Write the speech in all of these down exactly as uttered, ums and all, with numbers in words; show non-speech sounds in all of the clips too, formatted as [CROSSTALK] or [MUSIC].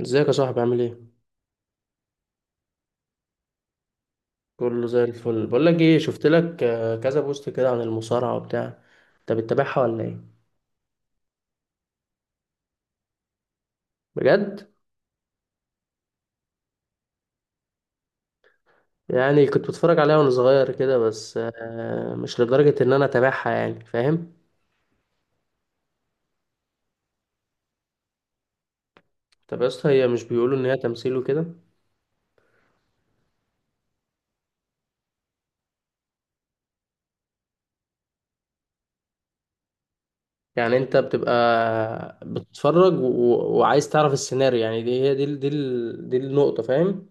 ازيك يا صاحبي؟ عامل ايه؟ كله زي الفل. بقول لك ايه، شفت لك آه، كذا بوست كده عن المصارعه وبتاع. انت بتتابعها ولا ايه؟ بجد؟ يعني كنت بتفرج عليها وانا صغير كده، بس آه، مش لدرجه ان انا اتابعها يعني، فاهم؟ طب يا اسطى، هي مش بيقولوا ان هي تمثيل وكده؟ يعني انت بتبقى بتتفرج و... و- وعايز تعرف السيناريو، يعني دي هي دي ال- دي ال- دي النقطه، فاهم؟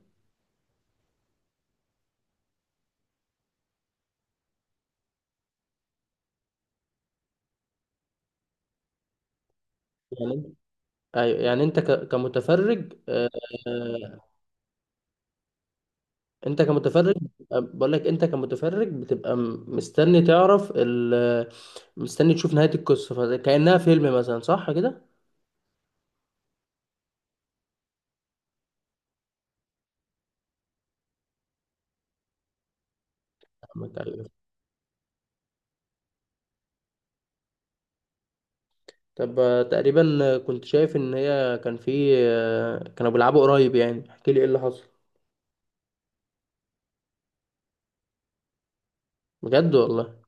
يعني ايوه، يعني انت ك... كمتفرج، آه، انت كمتفرج بقول لك، انت كمتفرج بتبقى م- مستني تعرف ال... مستني تشوف نهاية القصة، فكأنها فيلم مثلا، صح كده؟ فاهمك، أيوة. طب آه، تقريبا كنت شايف ان هي كان في آه، كانوا بيلعبوا قريب، يعني احكي لي ايه اللي حصل. بجد والله؟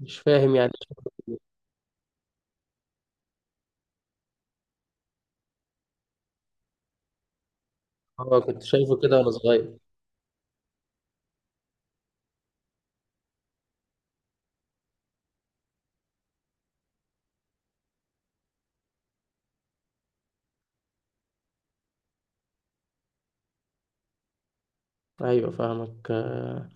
مش فاهم يعني. اه كنت شايفه كده وانا صغير. ايوه فاهمك، آه،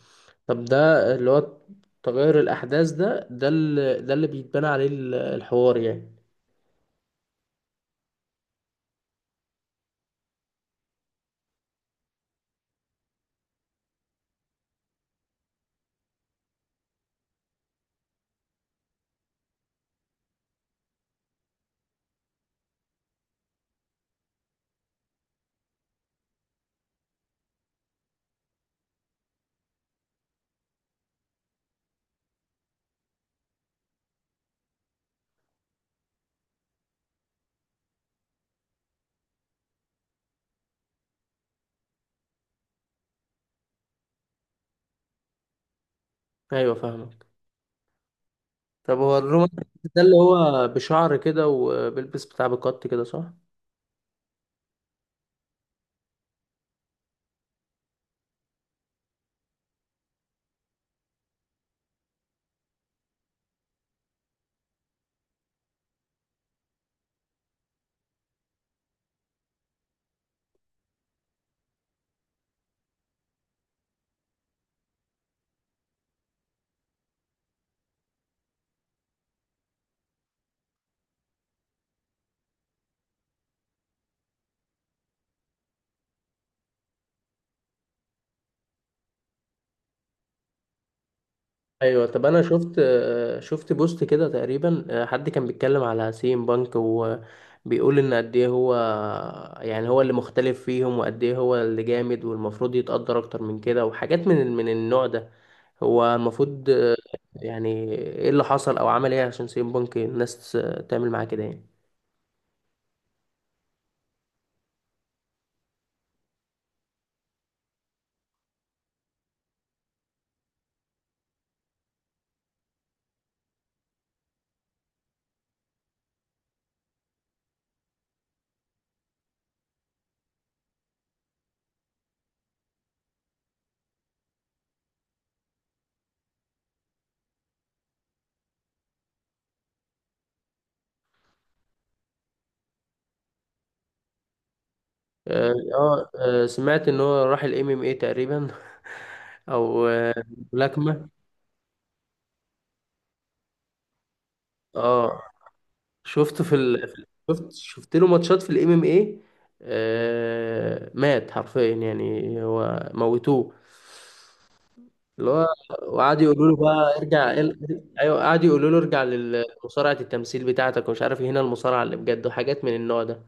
طب ده اللي هو تغير الاحداث، ده ده اللي ده اللي بيتبنى عليه ال- الحوار يعني؟ ايوه فاهمك. طب هو الرومان ده اللي هو بشعر كده وبيلبس بتاع بكت كده، صح؟ ايوه. طب انا شفت، شفت بوست كده تقريبا، حد كان بيتكلم على سيم بانك وبيقول ان قد ايه هو، يعني هو اللي مختلف فيهم، وقد ايه هو اللي جامد، والمفروض يتقدر اكتر من كده، وحاجات من من النوع ده. هو المفروض، يعني ايه اللي حصل او عمل ايه عشان سيم بانك الناس تعمل معاه كده يعني؟ اه آه، آه، سمعت ان هو راح الام ام اي تقريبا. [LAUGHS] او آه، ملاكمة. اه شفته في ال... في ال- شفت شفت له ماتشات في الام ام اي. مات حرفيا، يعني هو موتوه اللي هو. وقعدوا يقولوا له بقى ارجع ال- ايوه، قعدوا يقولوا له ارجع لمصارعة التمثيل بتاعتك ومش عارف إيه، هنا المصارعة اللي بجد، وحاجات من النوع ده.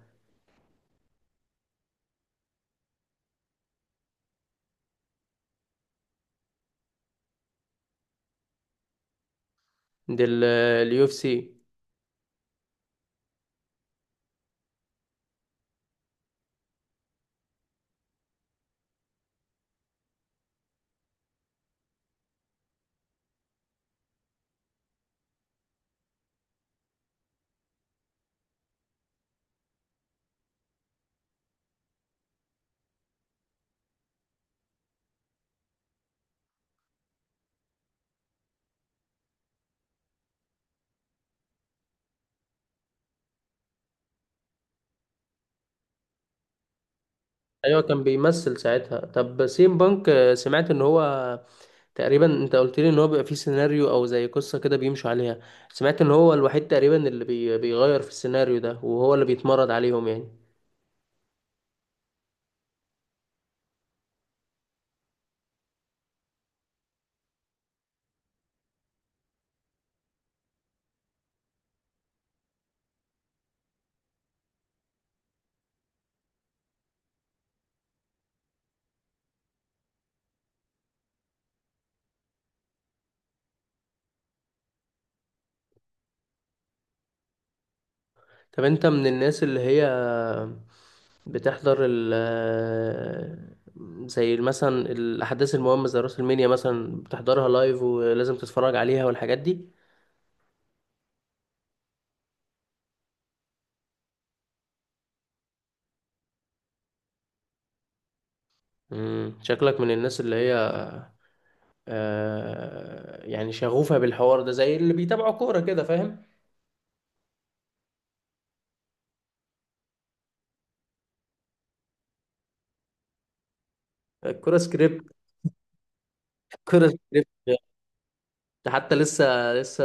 دي اليو اف سي. ايوه كان بيمثل ساعتها. طب سيم بانك، آه، سمعت ان هو تقريبا، انت قلت لي ان هو بيبقى فيه سيناريو او زي قصة كده بيمشوا عليها، سمعت ان هو الوحيد تقريبا اللي بي... بيغير في السيناريو ده، وهو اللي بيتمرد عليهم يعني. طب انت من الناس اللي هي بتحضر ال زي مثلا الاحداث المهمة زي راس المنيا مثلا، بتحضرها لايف ولازم تتفرج عليها والحاجات دي؟ مم. شكلك من الناس اللي هي آه يعني شغوفة بالحوار ده، زي اللي بيتابعوا كورة كده، فاهم؟ الكورة سكريبت. الكورة سكريبت. ده حتى لسه لسه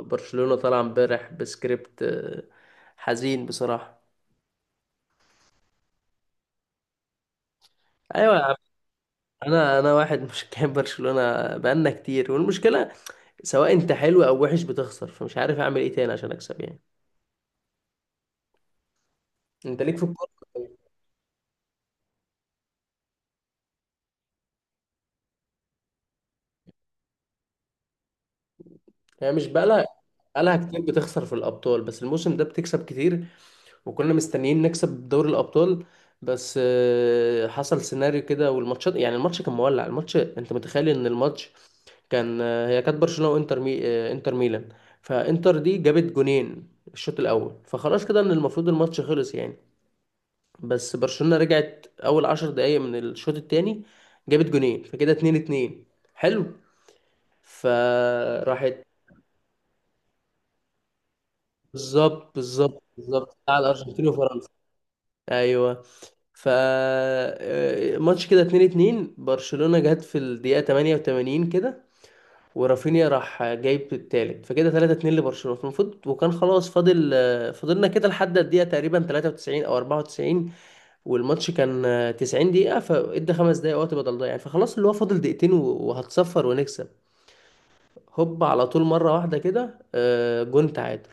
برشلونة طالع امبارح بسكريبت، آه، حزين بصراحة. ايوه يا عم، انا انا واحد [LAUGHS] مشجع برشلونة، بقالنا كتير، والمشكلة سواء انت حلو او وحش بتخسر، فمش عارف اعمل ايه تاني عشان اكسب يعني. انت ليك في الكورة؟ هي مش بقالها، بقالها كتير بتخسر في الابطال، بس الموسم ده بتكسب كتير، وكنا مستنيين نكسب دوري الابطال، بس آه، حصل سيناريو كده. والماتشات يعني، الماتش كان مولع، الماتش انت متخيل ان الماتش كان، هي كانت برشلونة وانتر مي... انتر ميلان، فانتر دي جابت جونين الشوط الاول، فخلاص كده ان المفروض الماتش خلص يعني. بس برشلونة رجعت اول عشر دقايق من الشوط التاني، جابت جونين، فكده اتنين اتنين، حلو، فراحت. بالظبط بالظبط بالظبط، على الارجنتين وفرنسا. ايوه، ف آه، ماتش كده اتنين اتنين، برشلونة جت في الدقيقة تمانية وتمانين كده، ورافينيا راح جايب التالت فكده تلاتة اتنين لبرشلونة، فالمفروض وكان خلاص فاضل، آه، فضلنا كده لحد الدقيقة تقريبا تلاتة وتسعين او اربعة وتسعين، والماتش كان تسعين دقيقة، فادى خمس دقايق وقت بدل ضايع يعني، فخلاص اللي هو فاضل دقيقتين و- وهتصفر ونكسب. هوب على طول مرة واحدة كده، آه، جون تعادل.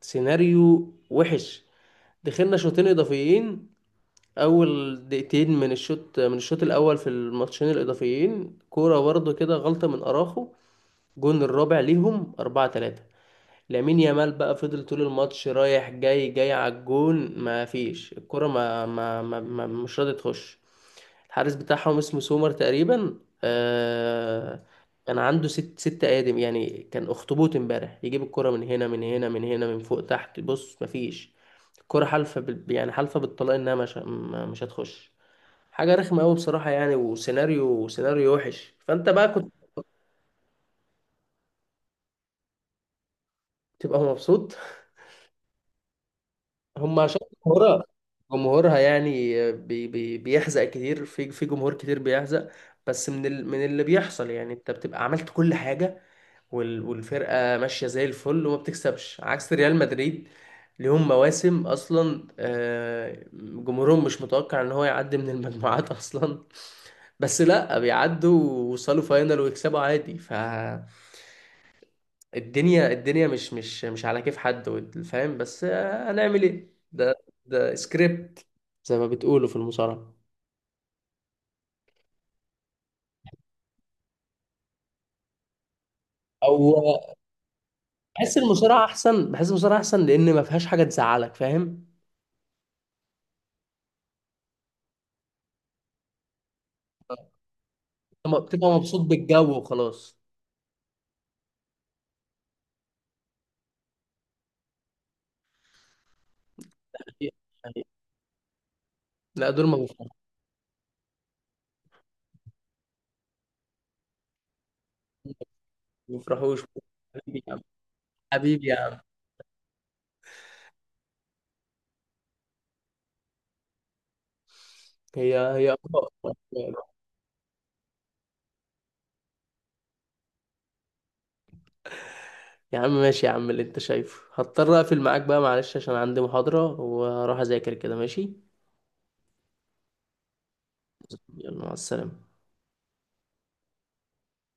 سيناريو وحش. دخلنا شوطين اضافيين. اول دقيقتين من الشوط من الشوط الاول في الماتشين الاضافيين، كورة برضه كده، غلطة من اراخو، جون الرابع ليهم اربعة تلاتة. لامين يامال بقى فضل طول الماتش رايح جاي، جاي على الجون، ما فيش. الكرة ما, ما, ما, ما مش راضي تخش. الحارس بتاعهم اسمه سومر تقريبا، آه، كان عنده ست ست آدم، يعني كان أخطبوط امبارح، يجيب الكرة من هنا من هنا من هنا، من فوق، تحت، بص، ما فيش. الكرة حالفة بال... يعني حالفة بالطلاق إنها مش ما- مش هتخش. حاجة رخمة أوي بصراحة يعني، وسيناريو سيناريو وحش، فأنت بقى كنت تبقى مبسوط. هم عشان جمهورها، جمهورها يعني بي بي بيحزق كتير في في جمهور كتير بيحزق. بس من ال من اللي بيحصل يعني، انت بتبقى عملت كل حاجة، وال والفرقة ماشية زي الفل وما بتكسبش، عكس ريال مدريد ليهم مواسم اصلا، آه، جمهورهم مش متوقع ان هو يعدي من المجموعات [LAUGHS] اصلا، بس لا بيعدوا ووصلوا فاينل ويكسبوا عادي. ف الدنيا الدنيا مش مش مش على كيف حد وال- فاهم، بس آه، هنعمل ايه؟ ده ده سكريبت زي ما بتقولوا في المصارعة. او بحس المصارعة احسن، بحس المصارعة احسن لان ما فيهاش حاجة تزعلك، فاهم؟ لما بتبقى مبسوط بالجو وخلاص. يعني- لا دول ما بيفرحوش. ما بيفرحوش. حبيبي يا عم، حبيبي يا عم. هي هي يا عم ماشي، يا عم اللي انت شايفه. هضطر اقفل معاك بقى، معلش عشان عندي محاضرة وهروح اذاكر كده، ماشي. يلا مع السلامة.